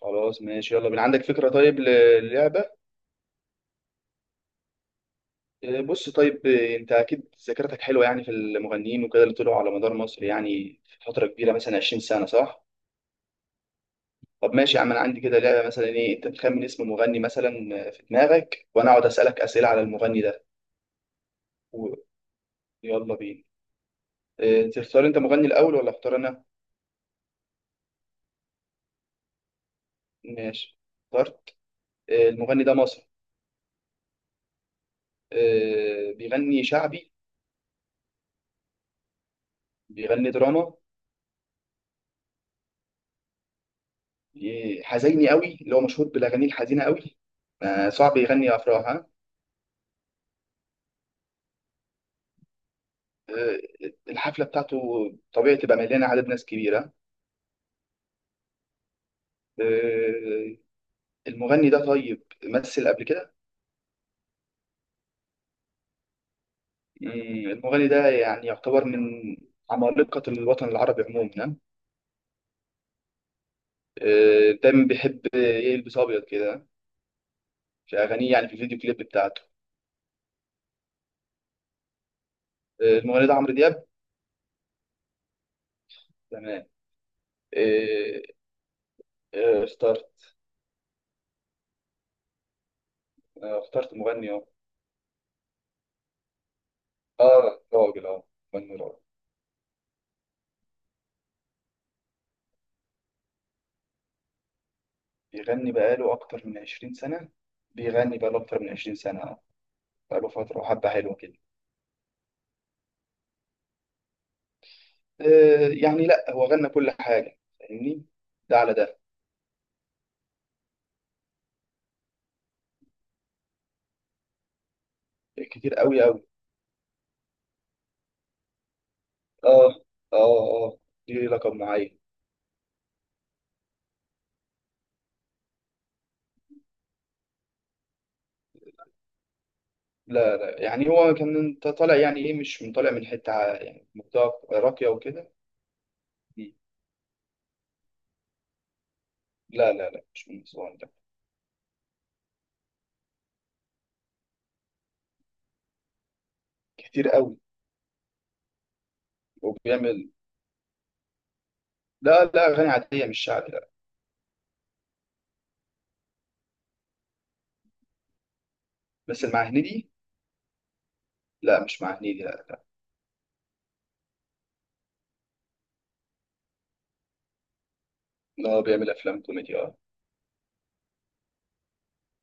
خلاص ماشي يلا بينا. عندك فكرة طيب للعبة؟ بص طيب، انت اكيد ذاكرتك حلوة يعني في المغنيين وكده اللي طلعوا على مدار مصر، يعني في فترة كبيرة مثلا 20 سنة صح؟ طب ماشي يا عم، انا عندي كده لعبة، مثلا ايه، انت تخمن اسم مغني مثلا في دماغك، وانا اقعد اسألك اسئلة على المغني ده. و- يلا بينا. تختار انت مغني الاول ولا اختار انا؟ ماشي، اخترت. المغني ده مصري. بيغني شعبي؟ بيغني دراما؟ حزيني قوي اللي هو مشهور بالاغاني الحزينه قوي. صعب يغني افراح، الحفله بتاعته طبيعي تبقى مليانه عدد ناس كبيره. آه، المغني ده طيب مثل قبل كده؟ مم، المغني ده يعني يعتبر من عمالقه الوطن العربي عموما. دايما بيحب يلبس ابيض كده في اغانيه، يعني في الفيديو كليب بتاعته. المغني ده عمرو دياب. تمام. آه، اخترت. اخترت مغني، اه. راجل، اه، مغني راجل. بيغني بقاله أكتر من 20 سنة. بيغني بقاله أكتر من 20 سنة. بقاله فترة وحبة حلوة كده. آه يعني لأ، هو غنى كل حاجة فاهمني، ده على ده. كتير أوي أوي. آه آه آه دي لقب معين. لا لا، يعني هو كان، انت طالع يعني إيه، مش من، طالع من حتة يعني منطقة راقية وكده. م. لا لا لا، مش من أسوان ده. كتير أوي. وبيعمل، لا لا، أغاني عادية مش شعبي، لا. بس اللي مع هنيدي، لا مش مع هنيدي لا. لا بيعمل أفلام كوميدي آه،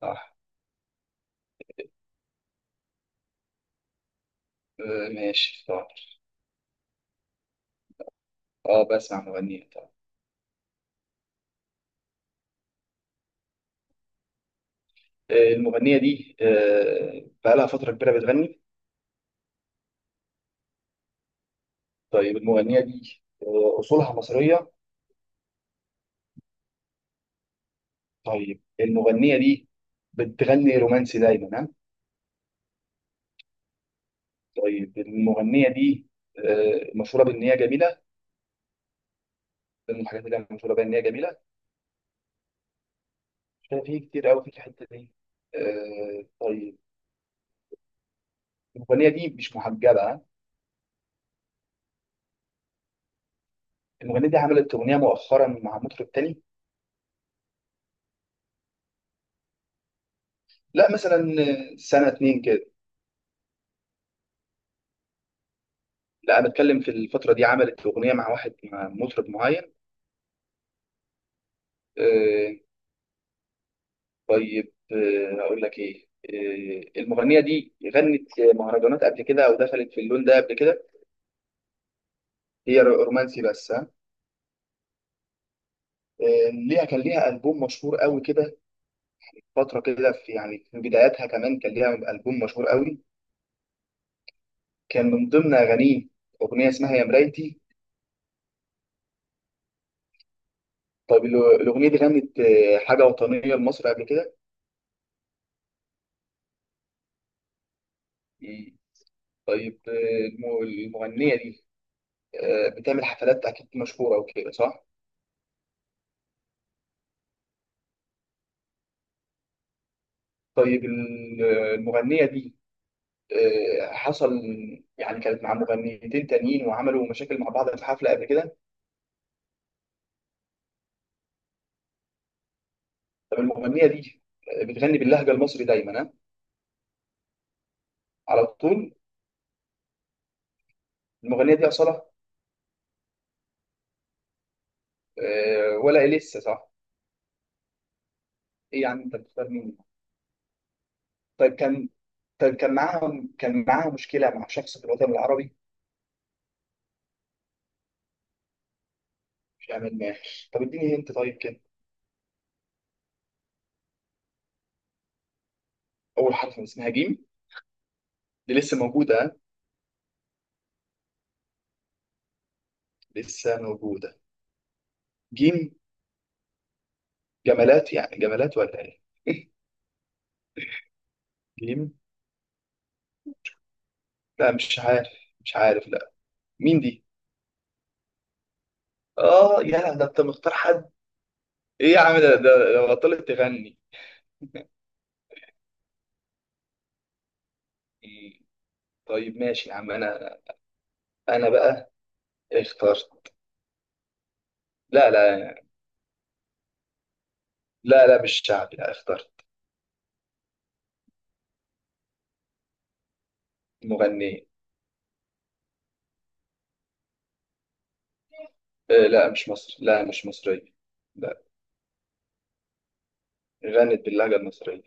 صح. ماشي طبعا. اه، بسمع مغنية طبعا. المغنية دي، بقالها فترة كبيرة بتغني. طيب المغنية دي أصولها مصرية؟ طيب المغنية دي بتغني رومانسي دايما، ها؟ طيب المغنية دي مشهورة بإن هي جميلة. ده من الحاجات اللي هي مشهورة بإن هي جميلة. شايف في كتير قوي في الحتة دي. طيب، المغنية دي مش محجبة، ها؟ المغنية دي عملت أغنية مؤخرا مع مطرب تاني. لا مثلا، سنة اتنين كده. لا انا بتكلم في الفتره دي، عملت اغنيه مع واحد، مع مطرب معين. آه، اقول لك ايه، المغنيه دي غنت مهرجانات قبل كده، او دخلت في اللون ده قبل كده؟ هي رومانسي بس، ها؟ ليها، كان ليها البوم مشهور قوي كده، فتره كده، في يعني في بداياتها كمان كان ليها البوم مشهور قوي. كان من ضمن اغانيه اغنيه اسمها يا مرايتي. طيب الاغنيه دي غنت حاجه وطنيه لمصر قبل كده؟ طيب المغنيه دي بتعمل حفلات اكيد مشهوره وكده، صح؟ طيب المغنيه دي حصل يعني، كانت مع مغنيتين تانيين وعملوا مشاكل مع بعض في حفله قبل كده؟ طب المغنيه دي بتغني باللهجه المصري دايما، ها؟ على طول؟ المغنيه دي اصلا، ولا إيه، لسه صح؟ ايه يعني، انت بتختار مين؟ طيب كان، طيب كان معاها، كان معاها مشكله مع شخص في الوطن العربي؟ مش عامل ما، طب اديني انت طيب كده. اول حرف من اسمها جيم. دي لسه موجوده ها؟ لسه موجوده. جيم. جمالات، يعني جمالات ولا ايه؟ جيم، لا مش عارف، مش عارف لا. مين دي؟ اه يا ده، انت مختار حد، ايه يا عم ده؟ ده لو بطلت تغني. إيه، طيب ماشي يا عم، انا بقى اخترت. لا لا. لا لا مش شعبي لا، اخترت. مغنية. لا مش مصر لا، مش مصرية. لا. غنت باللهجة المصرية.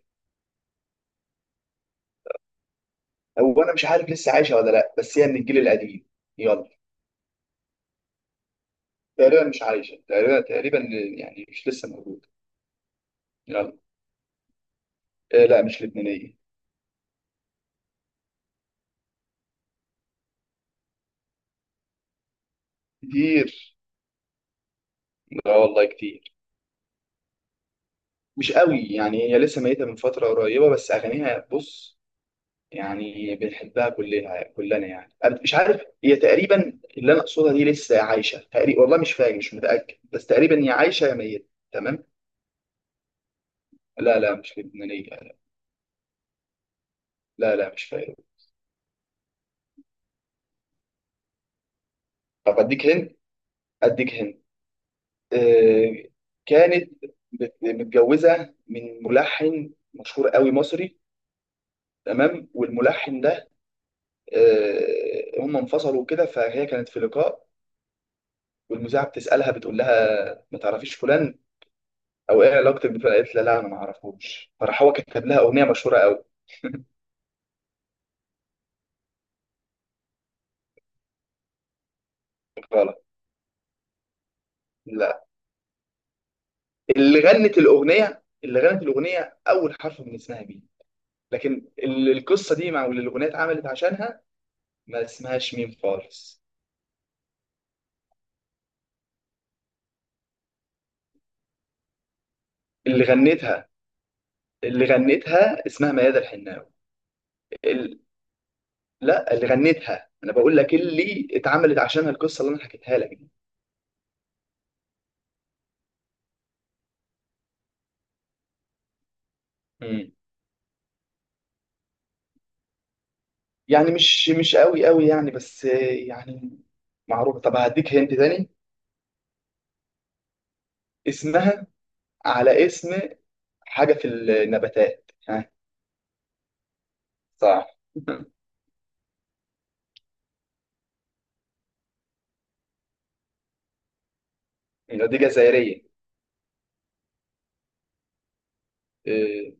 هو انا مش عارف لسه عايشة ولا لا، بس هي من الجيل القديم. يلا، تقريبا مش عايشة، تقريبا، تقريبا، يعني مش لسه موجودة. يلا. لا مش لبنانية. كتير. اه والله كتير. مش قوي يعني، هي لسه ميتة من فترة قريبة بس أغانيها بص، يعني بنحبها كلنا كلنا، يعني أنا مش عارف، هي تقريبا اللي أنا أقصدها دي لسه عايشة تقريبا، والله مش فاكر، مش متأكد، بس تقريبا هي عايشة يا ميتة. تمام. لا لا مش لبنانية لا. لا لا، مش فاكر. طب أديك هند، أديك هند. آه، كانت متجوزة من ملحن مشهور قوي مصري. تمام. والملحن ده هم انفصلوا كده، فهي كانت في لقاء والمذيعه بتسالها، بتقول لها ما تعرفيش فلان او ايه علاقتك بفلان؟ قالت لها لا انا ما اعرفوش. فراح هو كتب لها اغنيه مشهوره قوي. غلط. لا، اللي غنت الاغنيه اول حرف من اسمها مين، لكن القصه دي مع، واللي الاغنيه اتعملت عشانها ما اسمهاش ميم خالص. اللي غنتها، اللي غنتها اسمها ميادة الحناوي. ال... لا، اللي غنتها، انا بقول لك اللي اتعملت عشانها القصه اللي انا حكيتها لك دي. يعني مش مش قوي قوي يعني، بس يعني معروف. طب هديك هنت تاني. اسمها على اسم حاجة في النباتات، ها؟ صح. دي جزائرية. إيه،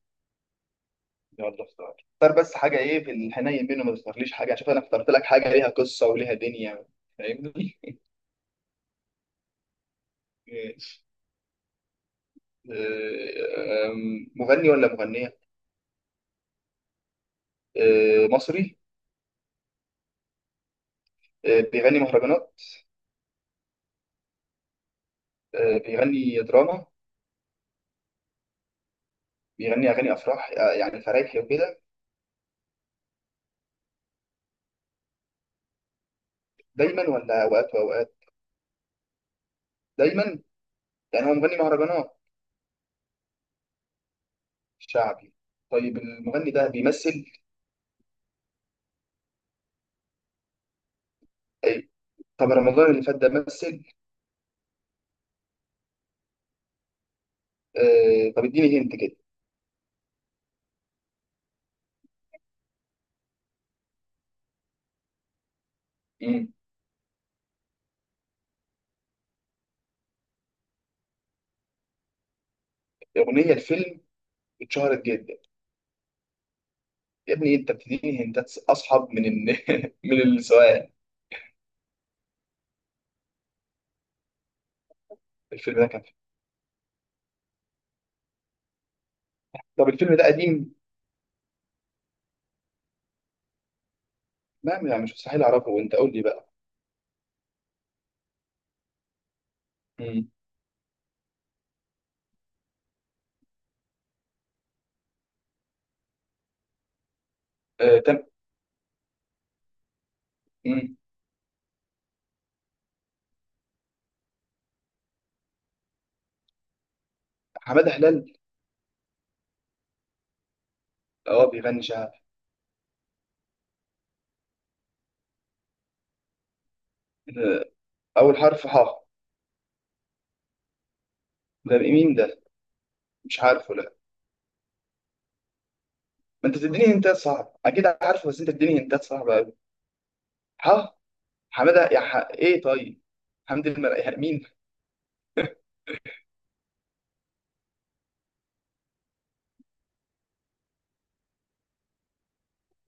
يلا اختار، اختار بس حاجة، ايه في الحنين منه، ما تختارليش حاجة، شوف انا اخترت لك حاجة ليها قصة وليها دنيا، فاهمني. ماشي. إيه، أم، مغني ولا مغنية؟ مصري؟ بيغني مهرجانات؟ بيغني دراما؟ بيغني اغاني افراح، يعني فرايحي وكده؟ دايما ولا اوقات واوقات؟ دايما. يعني هو مغني مهرجانات. شعبي. طيب المغني ده بيمثل؟ أي. طب رمضان اللي فات ده مثل؟ آه طب اديني هنت كده. مم. اغنيه الفيلم اتشهرت جدا. يا ابني انت بتديني هنتات اصعب من من السؤال. الفيلم ده كان فيه. طب الفيلم ده قديم؟ ما يعني مش مستحيل اعرفه، وانت قول لي بقى. مم. آه تم. مم. حماده هلال؟ اه بيغني شعبي. آه، اول حرف ح. ده مين ده؟ مش عارفه لا. ما انت بتديني هنتات صعب، اكيد عارفه، بس انت بتديني هنتات صعبه قوي. ها. حماده، يا ايه طيب، حمد يعني مين؟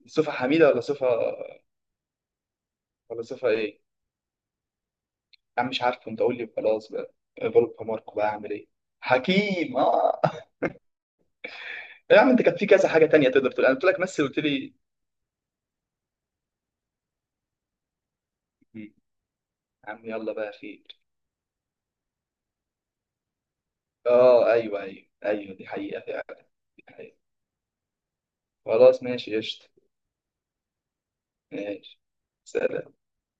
صفه حميده ولا صفه، ولا صفه ايه؟ يا عم مش عارفه، انت قول لي خلاص بقى. غلب حماركم بقى اعمل ايه؟ حكيم، اه. يا عم انت كان في كذا حاجه تانية تقدر تقول، انا قلت لك مثل قلت لي. يا عم يلا بقى، خير. اه ايوه ايوه ايوه، دي حقيقه فعلا، دي حقيقه. خلاص ماشي قشطه. ماشي. سلام.